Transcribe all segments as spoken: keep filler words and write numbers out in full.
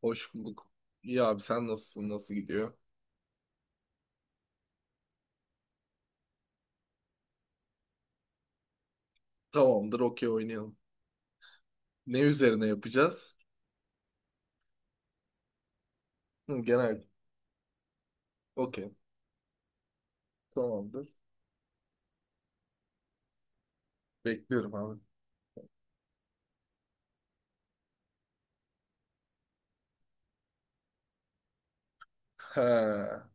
Hoş bulduk. İyi abi sen nasılsın? Nasıl gidiyor? Tamamdır okey oynayalım. Ne üzerine yapacağız? Hı, genel. Okey. Tamamdır. Bekliyorum abi. Ha,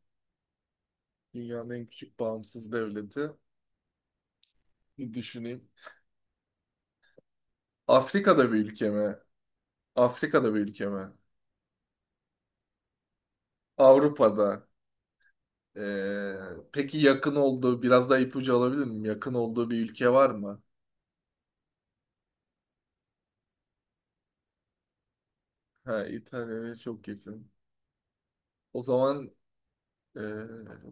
dünyanın en küçük bağımsız devleti. Bir düşüneyim. Afrika'da bir ülke mi? Afrika'da bir ülke mi? Avrupa'da. Ee, peki yakın olduğu, biraz daha ipucu alabilir miyim? Yakın olduğu bir ülke var mı? Ha, İtalya'ya çok yakın. O zaman Ee,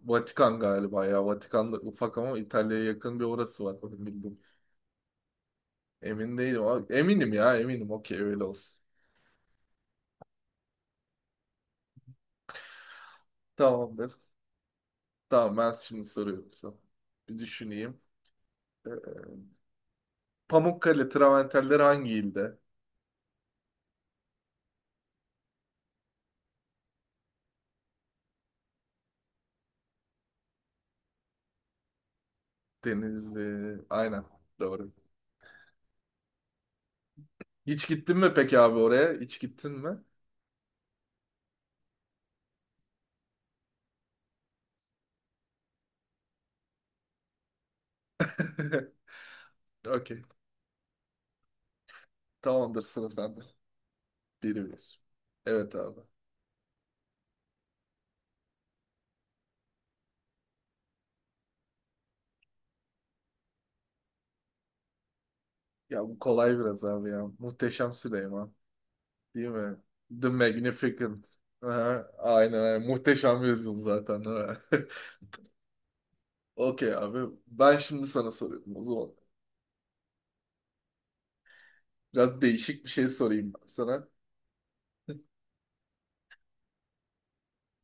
Vatikan galiba ya. Vatikan da ufak ama İtalya'ya yakın bir orası var. Onu bildim. Emin değilim, ama- eminim ya eminim. Okey öyle olsun. Tamamdır. Tamam ben şimdi soruyorum sana. Bir düşüneyim. Ee, Pamukkale travertenleri hangi ilde? Denizli. Aynen. Doğru. Hiç gittin mi peki abi oraya? Hiç gittin mi? Okey. Tamamdır sıra sende. Biri bir. Evet abi. Ya bu kolay biraz abi ya. Muhteşem Süleyman. Değil mi? The Magnificent. Aha, aynen aynen. Muhteşem yüzyıl zaten, değil mi? Okey abi. Ben şimdi sana soruyorum o zaman. Biraz değişik bir şey sorayım ben sana.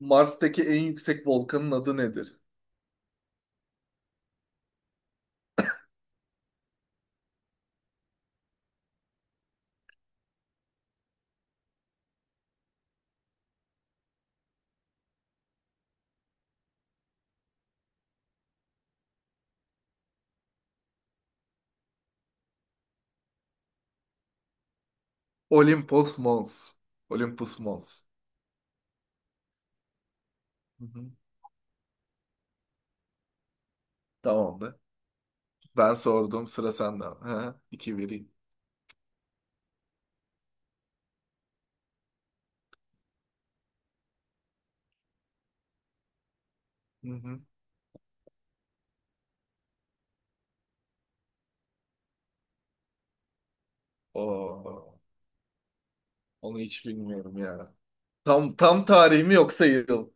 Mars'taki en yüksek volkanın adı nedir? Olympus Mons. Olympus Mons. Hı hı. Tamamdır. Ben sordum sıra sende. Ha, iki vereyim. Hı hı. Oo, onu hiç bilmiyorum ya. Tam tam tarihimi yoksa yıl.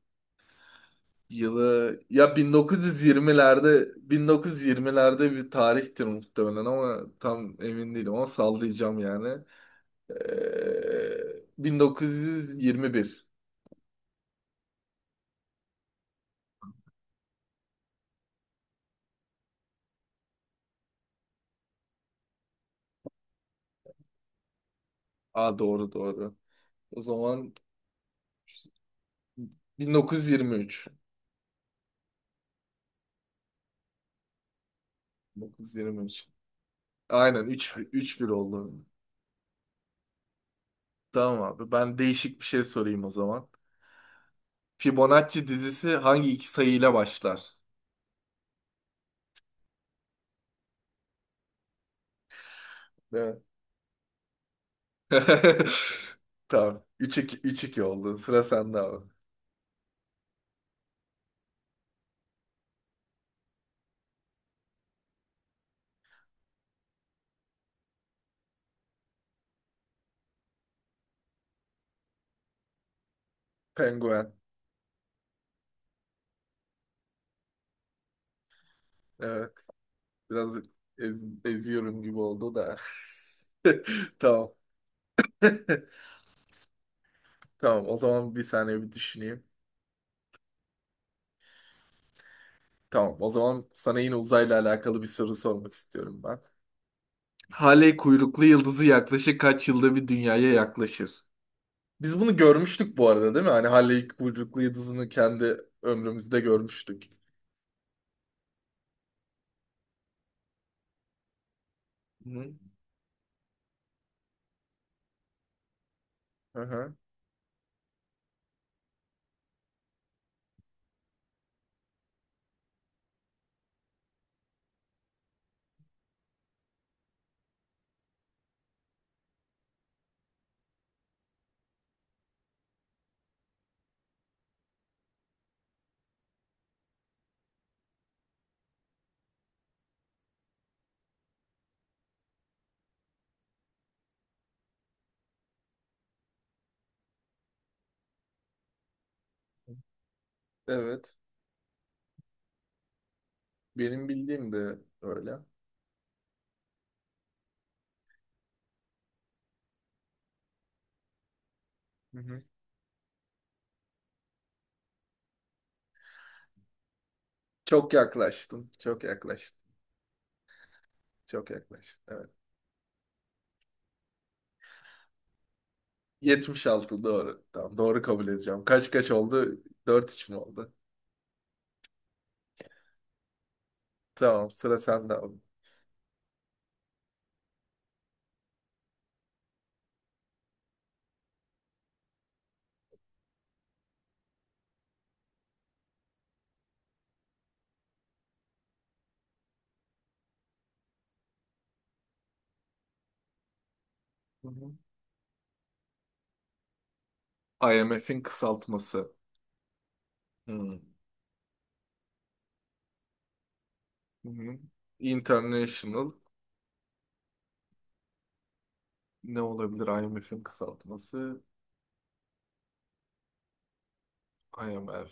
Yılı ya 1920'lerde 1920'lerde bir tarihtir muhtemelen ama tam emin değilim ama sallayacağım yani. Ee, bin dokuz yüz yirmi bir. Aa doğru doğru. O zaman bin dokuz yüz yirmi üç. bin dokuz yüz yirmi üç. Aynen 3 üç bir oldu. Tamam abi ben değişik bir şey sorayım o zaman. Fibonacci dizisi hangi iki sayıyla başlar? Evet. Tamam. 3-2 3-2 oldu. Sıra sende abi. Penguen. Evet. Biraz ez- eziyorum gibi oldu da. Tamam. Tamam. O zaman bir saniye bir düşüneyim. Tamam. O zaman sana yine uzayla alakalı bir soru sormak istiyorum ben. Halley kuyruklu yıldızı yaklaşık kaç yılda bir dünyaya yaklaşır? Biz bunu görmüştük bu arada, değil mi? Hani Halley kuyruklu yıldızını kendi ömrümüzde görmüştük. Hı-hı. Aha. Evet. Benim bildiğim de öyle. Hı-hı. Çok yaklaştın. Çok yaklaştın. Çok yaklaştın. Evet. Yetmiş altı doğru. Tamam doğru kabul edeceğim. Kaç kaç oldu? Dört üç mü oldu? Tamam sıra sende abi. Hı hı. I M F'in kısaltması. Hı. Hı hı. International ne olabilir I M F'in kısaltması? I M F.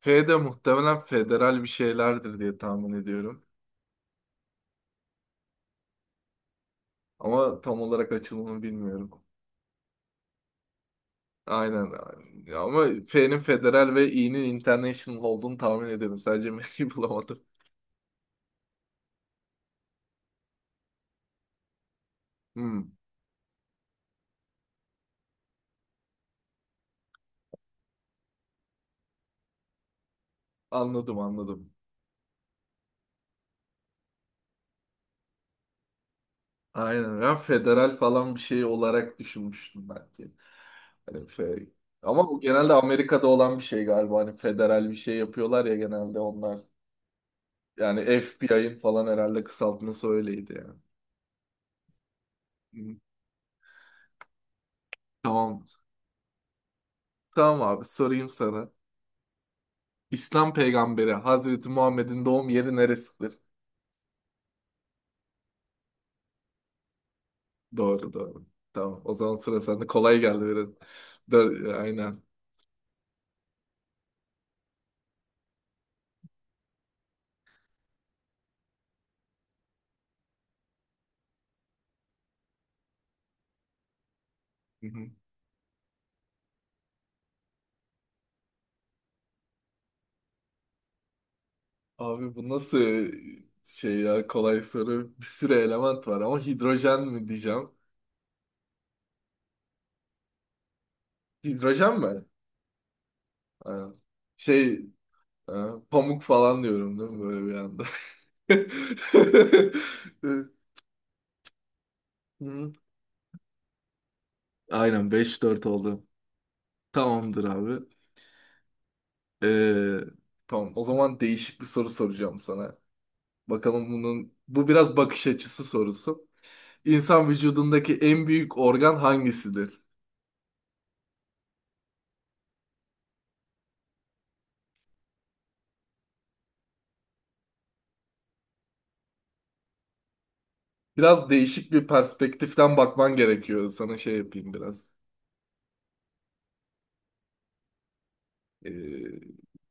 F F de muhtemelen federal bir şeylerdir diye tahmin ediyorum. Ama tam olarak açılımını bilmiyorum. Aynen. Ya ama F'nin federal ve İ'nin international olduğunu tahmin ediyorum. Sadece M'yi bulamadım. Hmm, anladım anladım. Aynen. Ya federal falan bir şey olarak düşünmüştüm belki. Hani fe- Ama bu genelde Amerika'da olan bir şey galiba. Hani federal bir şey yapıyorlar ya genelde onlar. Yani F B I'ın falan herhalde kısaltması öyleydi yani. Hı. Tamam. Tamam abi sorayım sana. İslam peygamberi Hazreti Muhammed'in doğum yeri neresidir? Doğru doğru. Tamam. O zaman sıra sende. Kolay geldi biraz. Dö- Aynen. Abi bu nasıl şey ya, kolay soru. Bir sürü element var ama hidrojen mi diyeceğim. Hidrojen mi? Aynen. Şey e, pamuk falan diyorum, değil mi, böyle bir anda. Hı. Aynen beş dört oldu. Tamamdır abi. Ee, tamam o zaman değişik bir soru soracağım sana. Bakalım bunun bu biraz bakış açısı sorusu. İnsan vücudundaki en büyük organ hangisidir? Biraz değişik bir perspektiften bakman gerekiyor. Sana şey yapayım biraz. Ee,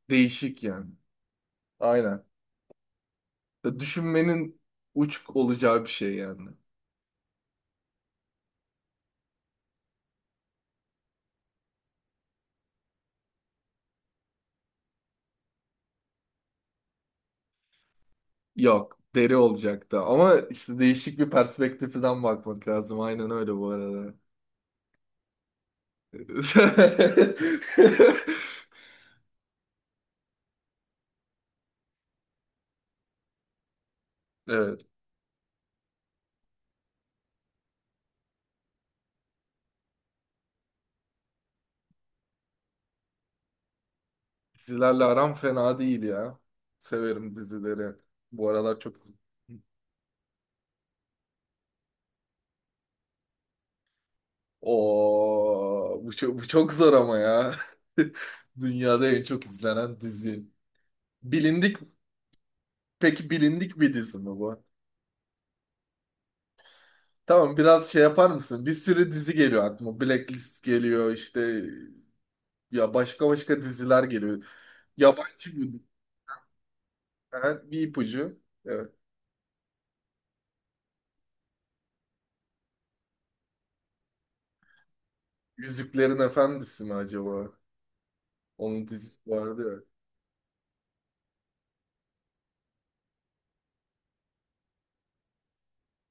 değişik yani. Aynen. Düşünmenin uç olacağı bir şey yani. Yok, deri olacaktı. Ama işte değişik bir perspektiften bakmak lazım. Aynen öyle bu arada. Evet. Dizilerle aram fena değil ya. Severim dizileri. Bu aralar çok. Oo, bu çok, bu çok zor ama ya. Dünyada en çok izlenen dizi. Bilindik peki bilindik bir dizi mi bu? Tamam biraz şey yapar mısın? Bir sürü dizi geliyor aklıma. Blacklist geliyor işte ya, başka başka diziler geliyor. Yabancı bir dizi. Ha, bir ipucu. Evet. Yüzüklerin Efendisi mi acaba? Onun dizisi vardı ya.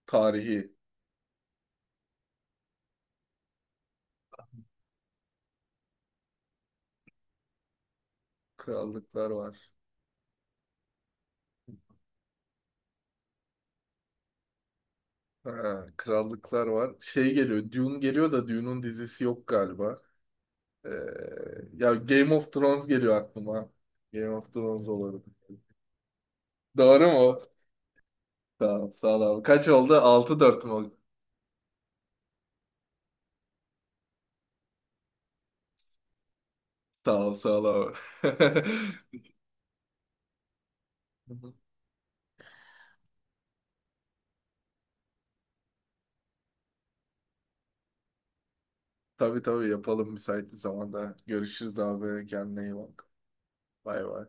Tarihi. Krallıklar var. Ha, krallıklar var. Şey geliyor. Dune geliyor da Dune'un dizisi yok galiba. Ee, ya Game of Thrones geliyor aklıma. Game of Thrones olurdu. Doğru mu? Tamam, sağ ol abi. Kaç oldu? Altı dört mü oldu? Sağ ol, sağ ol abi. Tabii tabii yapalım müsait bir zamanda. Görüşürüz abi. Kendine iyi bak. Bay bay.